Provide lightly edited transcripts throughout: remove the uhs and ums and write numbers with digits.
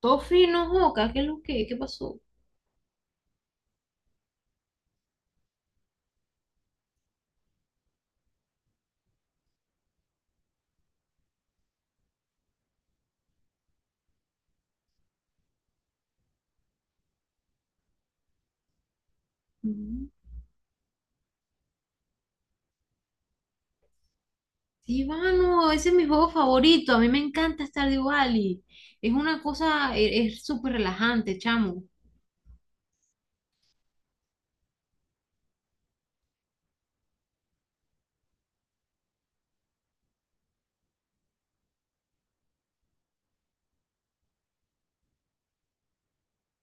Todo free no Joca, ¿qué es lo que? ¿Qué pasó? Ujú. Sí, mano, ese es mi juego favorito. A mí me encanta Stardew Valley. Es una cosa, es súper relajante, chamo.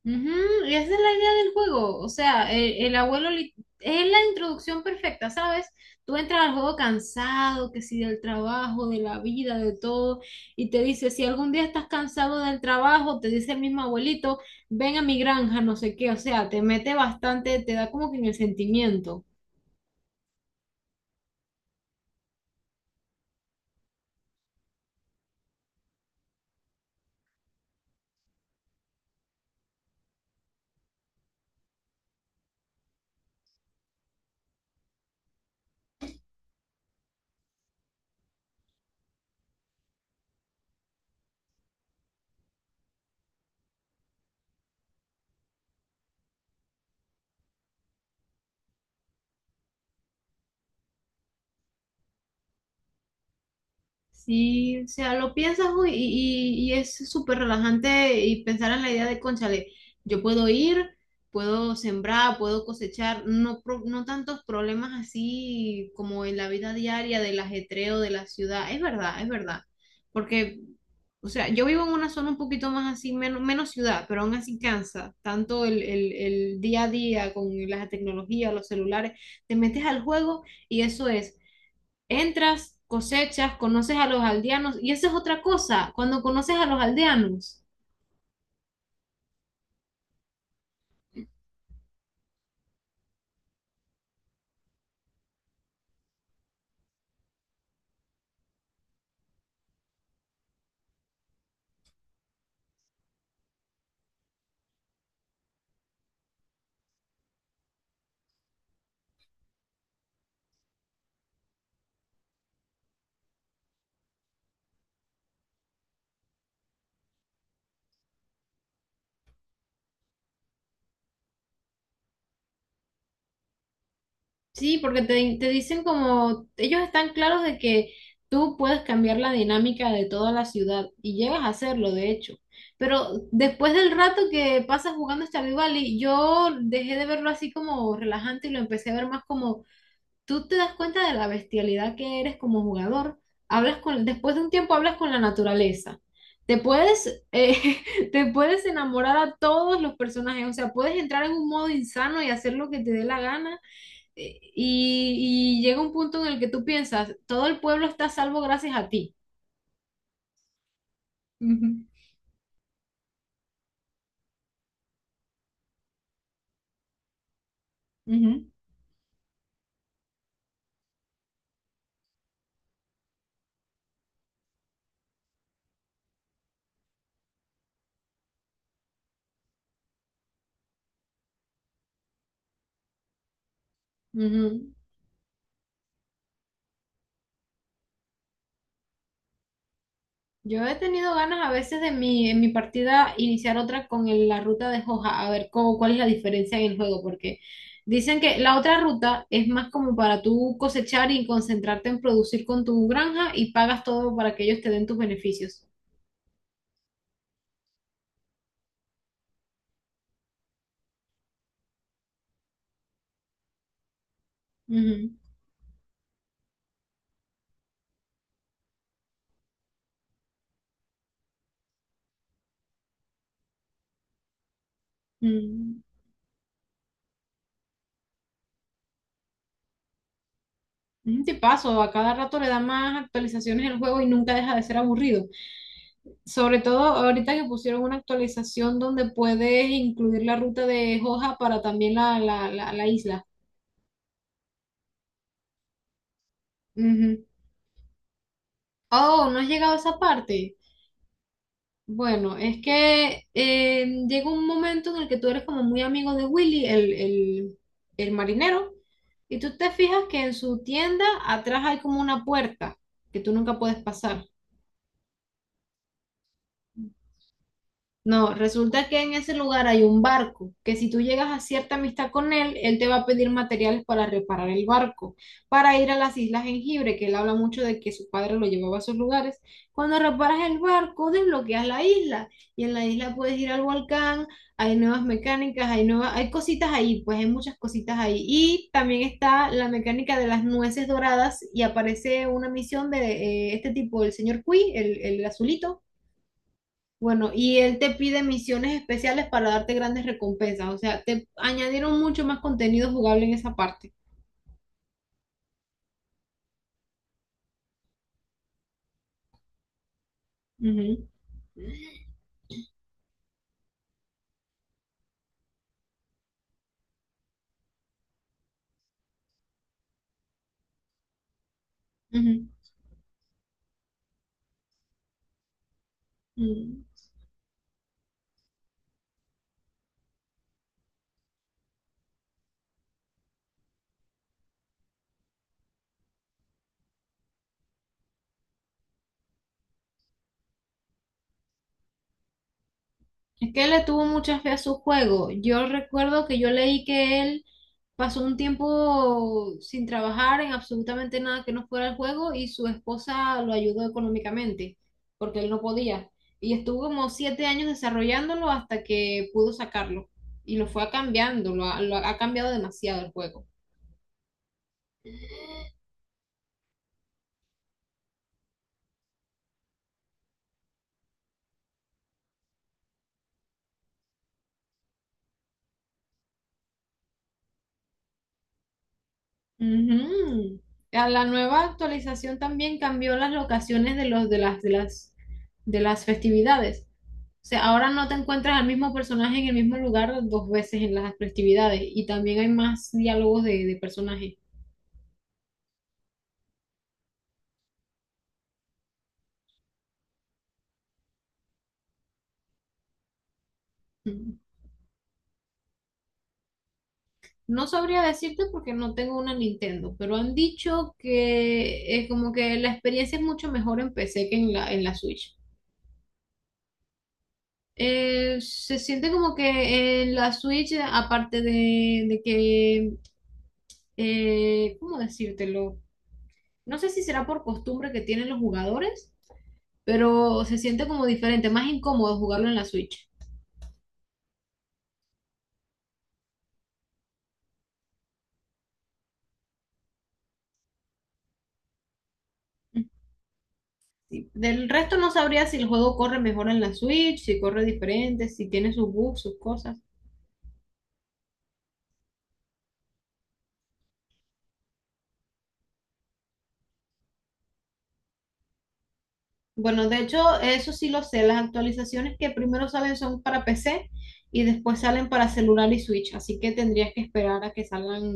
Ujú, y esa es la idea del juego. O sea, el abuelo es la introducción perfecta, ¿sabes? Tú entras al juego cansado, que si del trabajo, de la vida, de todo, y te dice, si algún día estás cansado del trabajo, te dice el mismo abuelito, ven a mi granja, no sé qué. O sea, te mete bastante, te da como que en el sentimiento. Sí, o sea, lo piensas uy, y es súper relajante y pensar en la idea de, cónchale, yo puedo ir, puedo sembrar, puedo cosechar, no, no tantos problemas así como en la vida diaria del ajetreo de la ciudad. Es verdad, es verdad. Porque, o sea, yo vivo en una zona un poquito más así, menos, menos ciudad, pero aún así cansa. Tanto el día a día con la tecnología, los celulares, te metes al juego y eso es entras, cosechas, conoces a los aldeanos, y esa es otra cosa, cuando conoces a los aldeanos, sí, porque te dicen como, ellos están claros de que tú puedes cambiar la dinámica de toda la ciudad, y llegas a hacerlo, de hecho. Pero después del rato que pasas jugando Stardew Valley, yo dejé de verlo así como relajante y lo empecé a ver más como tú te das cuenta de la bestialidad que eres como jugador. Hablas con, después de un tiempo hablas con la naturaleza. Te puedes, te puedes enamorar a todos los personajes, o sea, puedes entrar en un modo insano y hacer lo que te dé la gana. Y llega un punto en el que tú piensas, todo el pueblo está a salvo gracias a ti. Ujú, ujú, ujú. Yo he tenido ganas a veces de mi, en mi partida iniciar otra con la ruta de Hoja, a ver cómo, cuál es la diferencia en el juego, porque dicen que la otra ruta es más como para tú cosechar y concentrarte en producir con tu granja y pagas todo para que ellos te den tus beneficios. Ujú. Mm. Es un tipazo, a cada rato le da más actualizaciones el juego y nunca deja de ser aburrido. Sobre todo ahorita que pusieron una actualización donde puedes incluir la ruta de Hoja para también la isla. Ujú. Oh, ¿no has llegado a esa parte? Bueno, es que llega un momento en el que tú eres como muy amigo de Willy, el marinero, y tú te fijas que en su tienda atrás hay como una puerta que tú nunca puedes pasar. No, resulta que en ese lugar hay un barco, que si tú llegas a cierta amistad con él, él te va a pedir materiales para reparar el barco, para ir a las Islas Jengibre, que él habla mucho de que su padre lo llevaba a esos lugares. Cuando reparas el barco, desbloqueas la isla y en la isla puedes ir al volcán, hay nuevas mecánicas, hay nuevas, hay cositas ahí, pues hay muchas cositas ahí. Y también está la mecánica de las nueces doradas y aparece una misión de este tipo, el señor Cui, el azulito bueno, y él te pide misiones especiales para darte grandes recompensas. O sea, te añadieron mucho más contenido jugable en esa parte. Ujú, ujú, ujú. Es que él le tuvo mucha fe a su juego. Yo recuerdo que yo leí que él pasó un tiempo sin trabajar en absolutamente nada que no fuera el juego y su esposa lo ayudó económicamente porque él no podía. Y estuvo como siete años desarrollándolo hasta que pudo sacarlo. Y lo fue cambiando, lo ha cambiado demasiado el juego. Ujú. A la nueva actualización también cambió las locaciones de los de las festividades. O sea, ahora no te encuentras al mismo personaje en el mismo lugar dos veces en las festividades y también hay más diálogos de personajes. Ujú. No sabría decirte porque no tengo una Nintendo, pero han dicho que es como que la experiencia es mucho mejor en PC que en en la Switch. Se siente como que en la Switch, aparte de que ¿cómo decírtelo? No sé si será por costumbre que tienen los jugadores, pero se siente como diferente, más incómodo jugarlo en la Switch. Sí. Del resto no sabría si el juego corre mejor en la Switch, si corre diferente, si tiene sus bugs, sus cosas. Bueno, de hecho, eso sí lo sé, las actualizaciones que primero salen son para PC y después salen para celular y Switch, así que tendrías que esperar a que salgan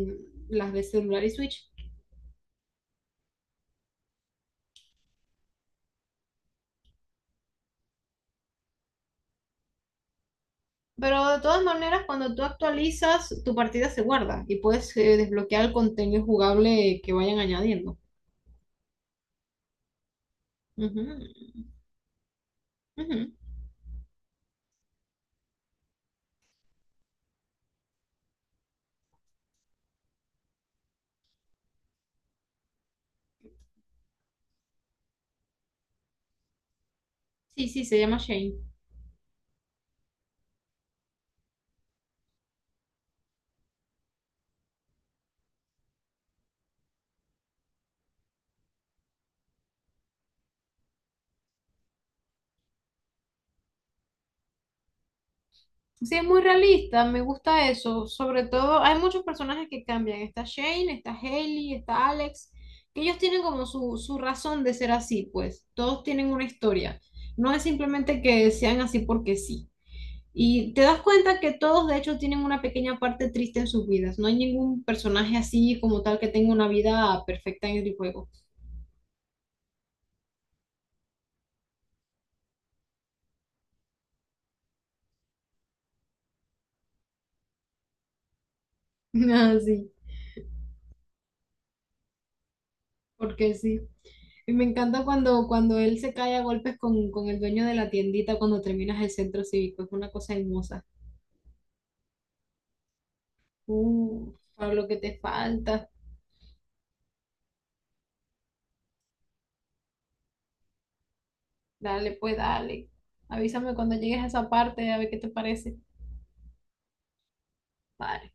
las de celular y Switch. Pero de todas maneras, cuando tú actualizas, tu partida se guarda y puedes desbloquear el contenido jugable que vayan añadiendo. Ujú, ujú. Sí, sí, se llama Shane. Sí, es muy realista, me gusta eso. Sobre todo, hay muchos personajes que cambian. Está Shane, está Hailey, está Alex, que ellos tienen como su razón de ser así, pues. Todos tienen una historia. No es simplemente que sean así porque sí. Y te das cuenta que todos de hecho tienen una pequeña parte triste en sus vidas. No hay ningún personaje así como tal que tenga una vida perfecta en el juego. Así, porque sí. Y me encanta cuando, cuando él se cae a golpes con el dueño de la tiendita cuando terminas el centro cívico. Es una cosa hermosa. Pablo, qué te falta. Dale, pues dale. Avísame cuando llegues a esa parte a ver qué te parece. Vale.